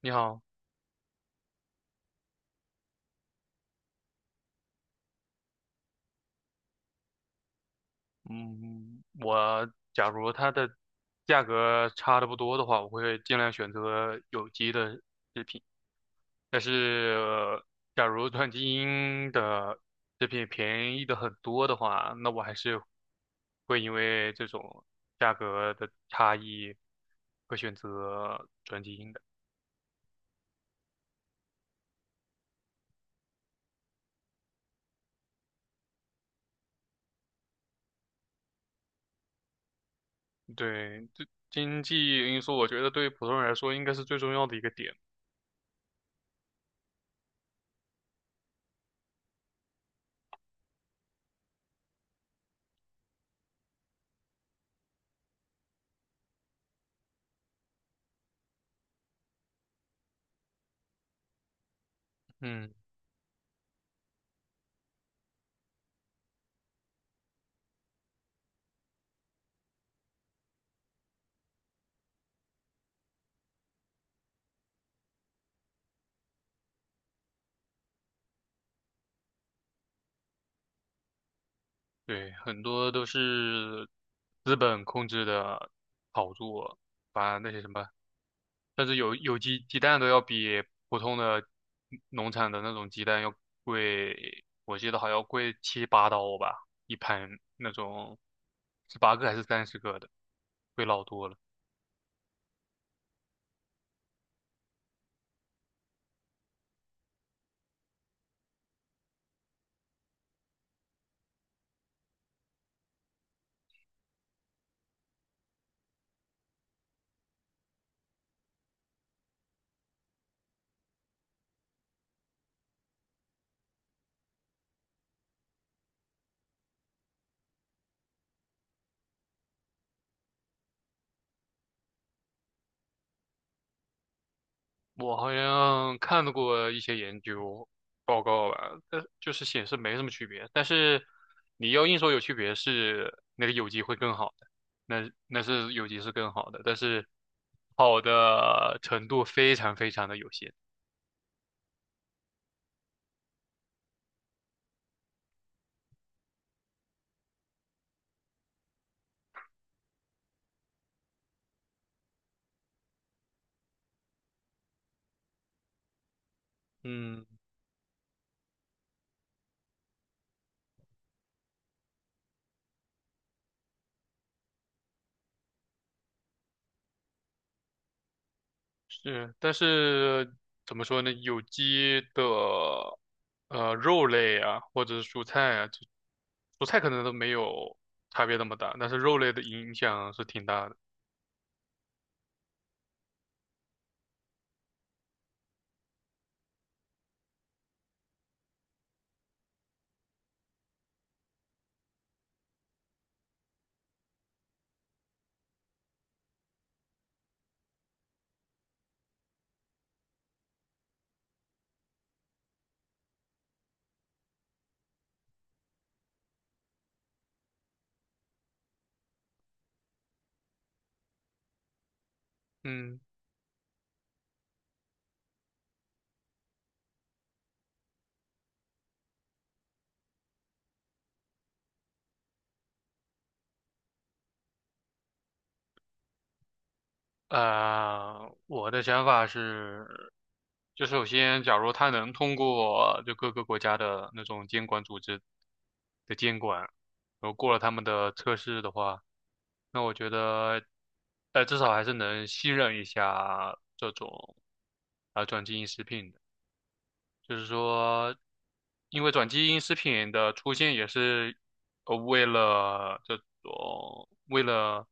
你好，嗯，我假如它的价格差的不多的话，我会尽量选择有机的。但是,假如转基因的这品便宜的很多的话，那我还是会因为这种价格的差异，会选择转基因的。对，这经济因素，我觉得对普通人来说应该是最重要的一个点。嗯。对，很多都是资本控制的炒作，把那些什么，甚至有机鸡蛋都要比普通的农场的那种鸡蛋要贵，我记得好像贵七八刀吧，一盘那种十八个还是三十个的，贵老多了。我好像看到过一些研究报告吧，但就是显示没什么区别。但是你要硬说有区别是那个有机会更好的，那是有机是更好的，但是好的程度非常非常的有限。嗯，是，但是怎么说呢？有机的肉类啊，或者是蔬菜啊，就蔬菜可能都没有差别那么大，但是肉类的影响是挺大的。嗯。我的想法是，就首先，假如他能通过就各个国家的那种监管组织的监管，然后过了他们的测试的话，那我觉得，至少还是能信任一下这种转基因食品的。就是说，因为转基因食品的出现也是为了种为了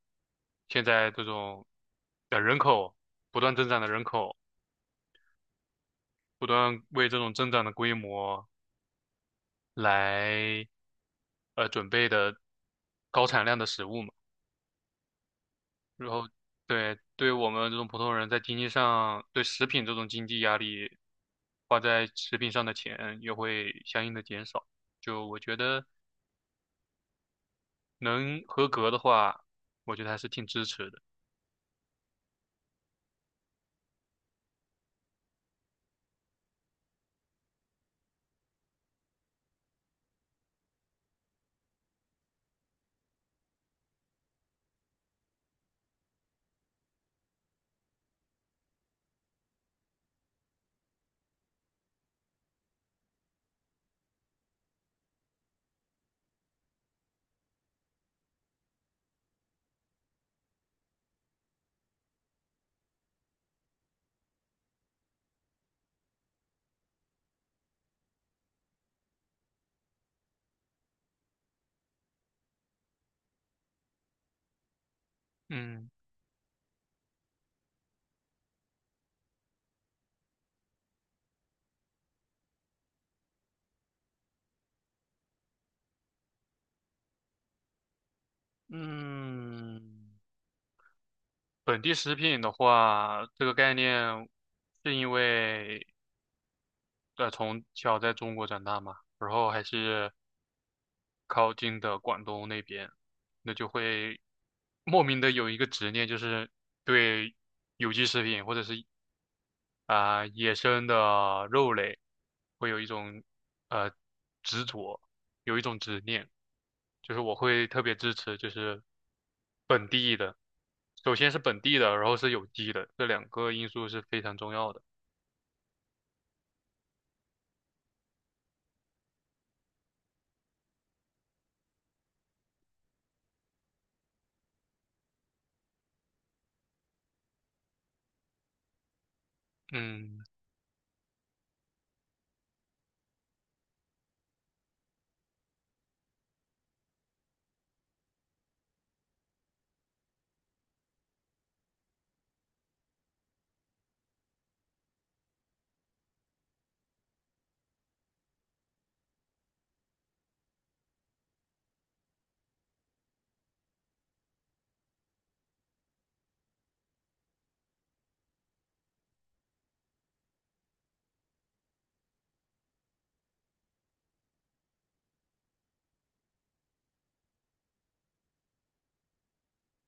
现在这种的人口，不断为这种增长的规模来准备的高产量的食物嘛。然后对我们这种普通人在经济上对食品这种经济压力，花在食品上的钱也会相应的减少。就我觉得。能合格的话，我觉得还是挺支持的。嗯。嗯，本地食品的话，这个概念是因为从小在中国长大嘛，然后还是靠近的广东那边，那就会莫名的有一个执念，就是对有机食品或者是野生的肉类会有一种呃执着，有一种执念，就是我会特别支持就是本地的，首先是本地的，然后是有机的，这两个因素是非常重要的。嗯。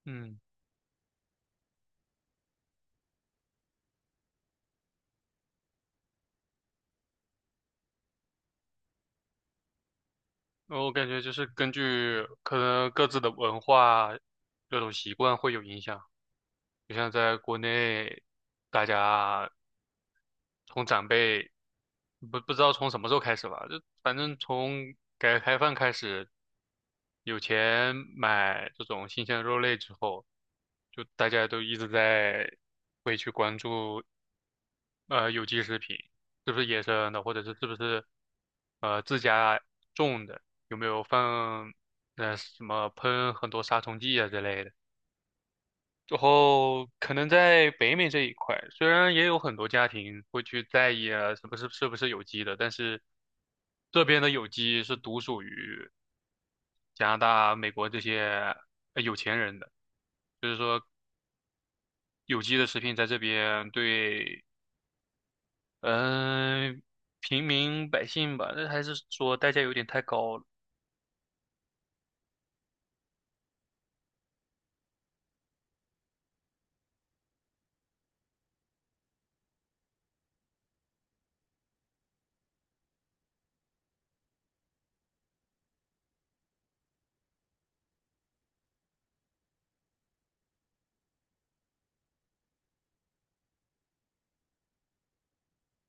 嗯，我感觉就是根据可能各自的文化这种习惯会有影响，就像在国内，大家从长辈不知道从什么时候开始吧，就反正从改革开放开始，有钱买这种新鲜的肉类之后，就大家都一直在会去关注有机食品是不是野生的，或者是是不是自家种的，有没有放什么喷很多杀虫剂啊之类的。然后可能在北美这一块，虽然也有很多家庭会去在意啊，是不是有机的，但是这边的有机是独属于加拿大、美国这些有钱人的，就是说有机的食品在这边对，嗯、平民百姓吧，那还是说代价有点太高了。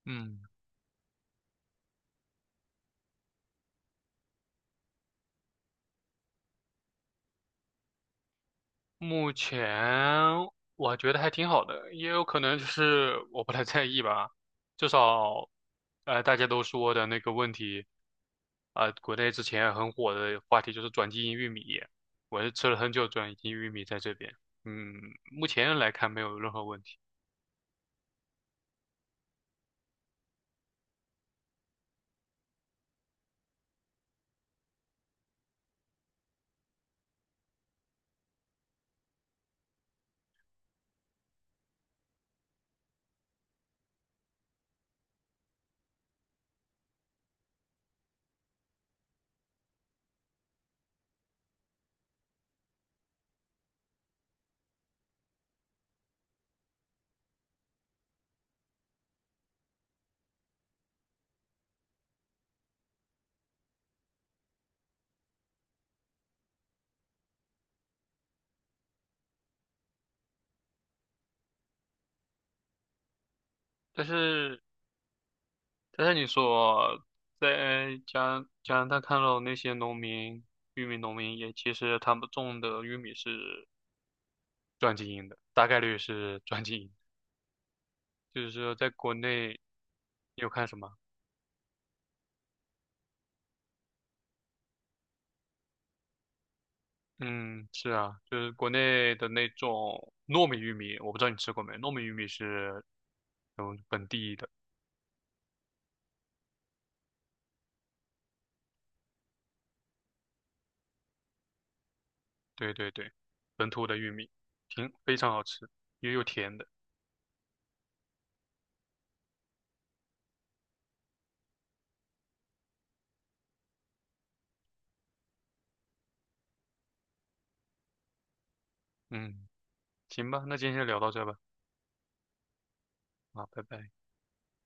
嗯。目前我觉得还挺好的，也有可能就是我不太在意吧。至少，大家都说的那个问题，国内之前很火的话题就是转基因玉米，我是吃了很久转基因玉米在这边，嗯，目前来看没有任何问题。但是，但是你说在加拿大看到那些农民，玉米农民也其实他们种的玉米是转基因的，大概率是转基因。就是说在国内你有看什么？嗯，是啊，就是国内的那种糯米玉米，我不知道你吃过没？糯米玉米是本地的，对对对，本土的玉米，挺非常好吃，也有甜的。嗯，行吧，那今天就聊到这吧，啊，拜拜。